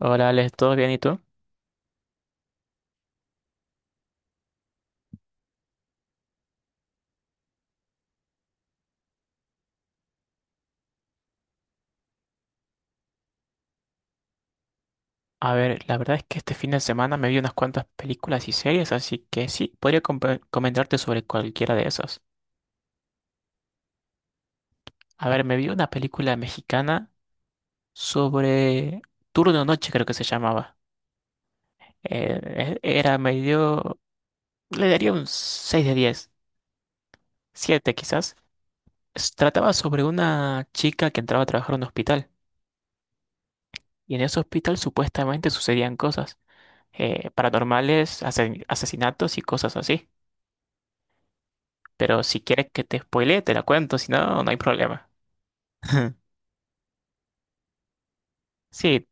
Hola, Alex, ¿todo bien y tú? A ver, la verdad es que este fin de semana me vi unas cuantas películas y series, así que sí, podría comentarte sobre cualquiera de esas. A ver, me vi una película mexicana sobre Turno Noche, creo que se llamaba. Eh, Era medio... Le daría un 6 de 10, 7 quizás. Trataba sobre una chica que entraba a trabajar en un hospital, y en ese hospital supuestamente sucedían cosas paranormales, asesinatos y cosas así. Pero si quieres que te spoilee, te la cuento, si no, no hay problema. Sí,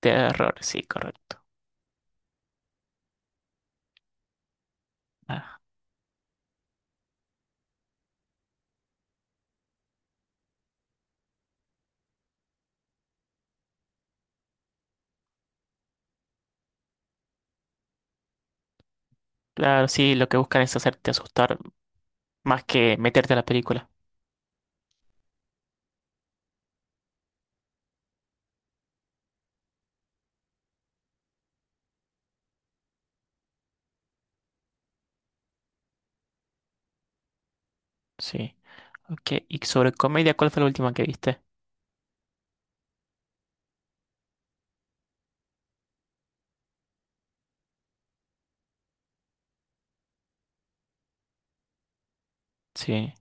terror, sí, correcto. Ah, claro, sí, lo que buscan es hacerte asustar más que meterte a la película. Sí. Ok, y sobre comedia, ¿cuál fue la última que viste? Sí,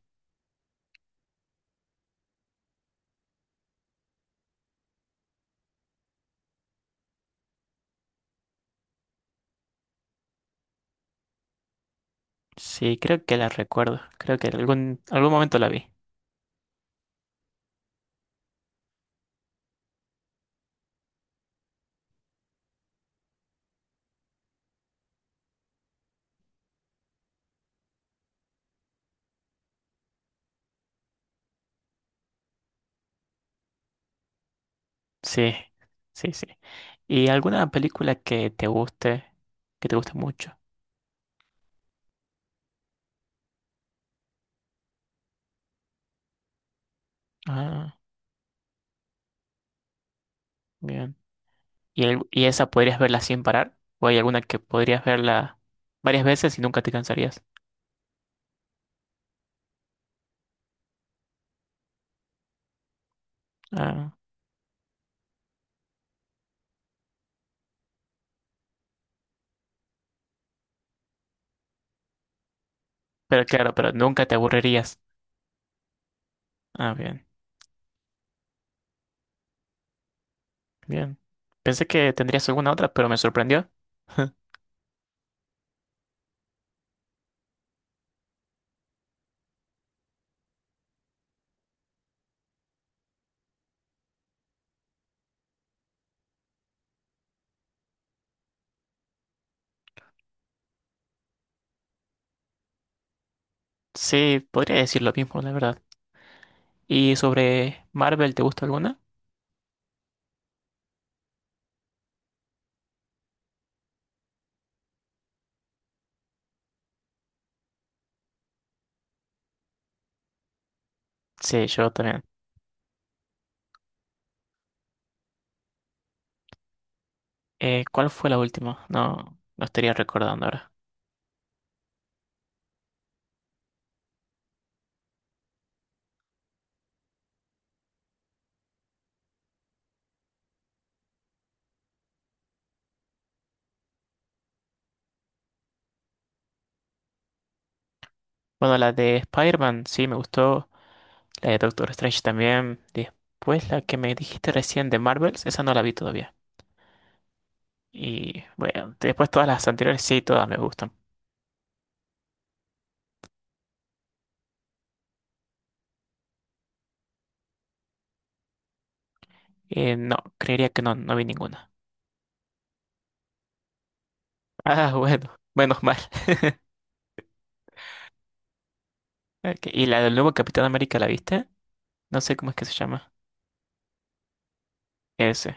sí, creo que la recuerdo. Creo que en algún momento la vi. Sí, sí, sí. ¿Y alguna película que te guste mucho? Ah, bien. ¿Y, y esa podrías verla sin parar? ¿O hay alguna que podrías verla varias veces y nunca te cansarías? Ah, pero claro, pero nunca te aburrirías. Ah, bien, bien. Pensé que tendrías alguna otra, pero me sorprendió. Sí, podría decir lo mismo, la verdad. ¿Y sobre Marvel, te gusta alguna? Sí, yo también. ¿Cuál fue la última? No, no estaría recordando ahora. Bueno, la de Spider-Man sí me gustó. La de Doctor Strange también. Después la que me dijiste recién de Marvels, esa no la vi todavía. Y bueno, después todas las anteriores sí, todas me gustan. No, creería que no, no vi ninguna. Ah, bueno, menos mal. Ok, y la del nuevo Capitán América, ¿la viste? No sé cómo es que se llama. Ese,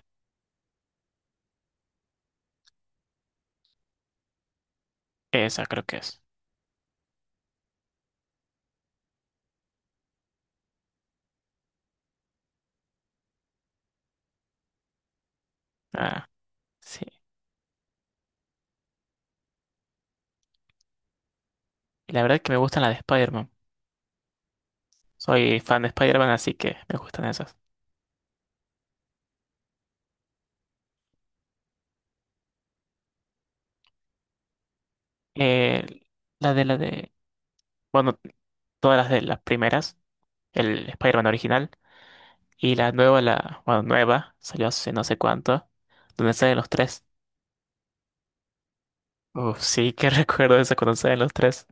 esa creo que es. Ah, sí. Y la verdad es que me gustan las de Spider-Man. Soy fan de Spider-Man, así que me gustan esas. Eh, la de... Bueno, todas las de las primeras. El Spider-Man original, y la nueva, la, bueno, nueva, salió hace no sé cuánto, donde salen los tres. Uf, sí, que recuerdo esa cuando salen los tres.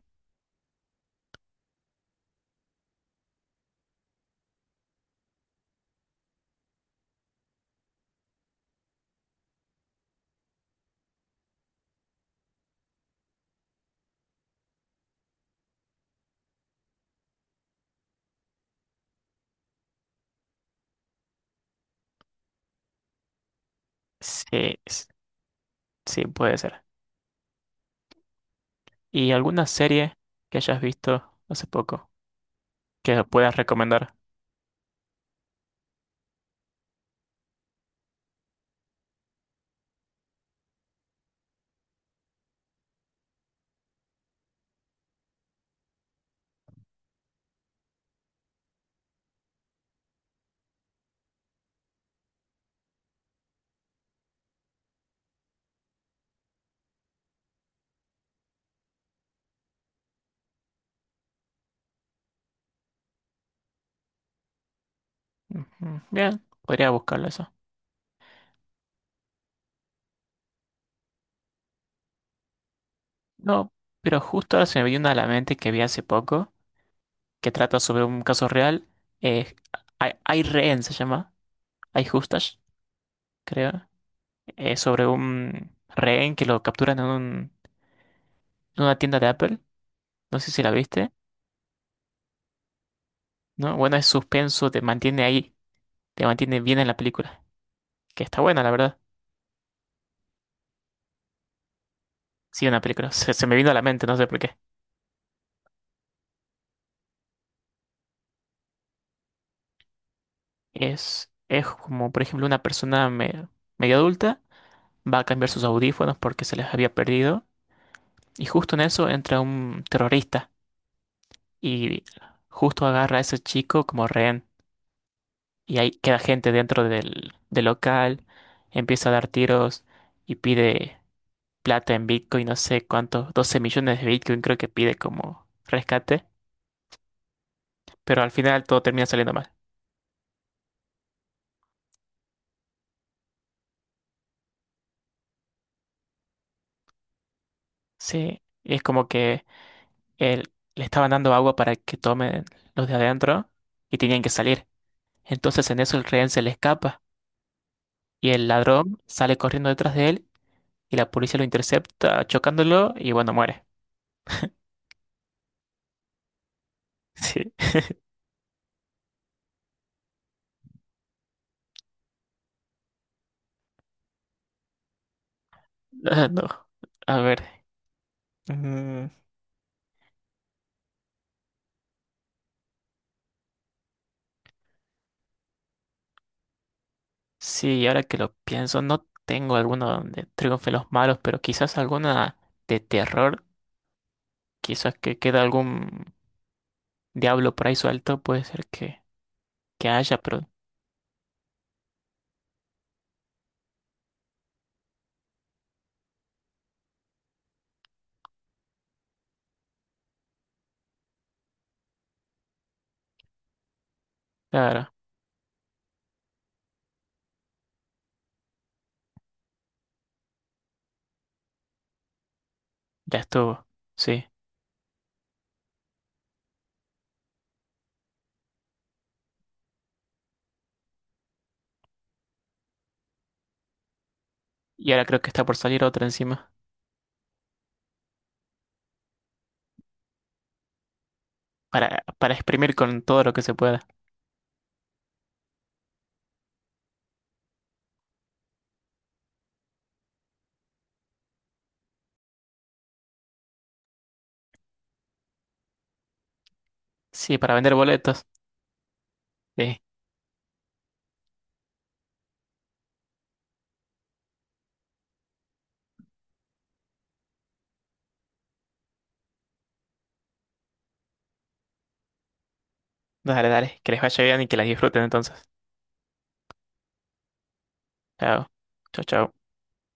Sí, sí, puede ser. ¿Y alguna serie que hayas visto hace poco que puedas recomendar? Ujú, bien, podría buscarlo eso. No, pero justo ahora se me vino una a la mente que vi hace poco, que trata sobre un caso real. Eh, hay rehén, se llama. Hay justas, creo. Eh, sobre un rehén que lo capturan en un una tienda de Apple. No sé si la viste, ¿no? Bueno, es suspenso, te mantiene ahí, te mantiene bien en la película. Que está buena, la verdad. Sí, una película. Se me vino a la mente, no sé por qué. Es como, por ejemplo, una persona medio adulta va a cambiar sus audífonos porque se les había perdido. Y justo en eso entra un terrorista y justo agarra a ese chico como rehén. Y ahí queda gente dentro del local, empieza a dar tiros y pide plata en Bitcoin, no sé cuántos, 12 millones de Bitcoin creo que pide como rescate, pero al final todo termina saliendo mal. Sí, y es como que él, le estaban dando agua para que tomen los de adentro y tenían que salir. Entonces en eso el rehén se le escapa y el ladrón sale corriendo detrás de él y la policía lo intercepta chocándolo y bueno, muere. Sí, ah, no. A ver. Mm, sí, ahora que lo pienso, no tengo alguno donde triunfen los malos, pero quizás alguna de terror. Quizás que queda algún diablo por ahí suelto, puede ser que haya, pero claro, ya estuvo. Sí. Y ahora creo que está por salir otra encima. Para exprimir con todo lo que se pueda. Sí, para vender boletos. Sí. Dale, dale. Que les vaya bien y que las disfruten entonces. Chao. Chao, chao.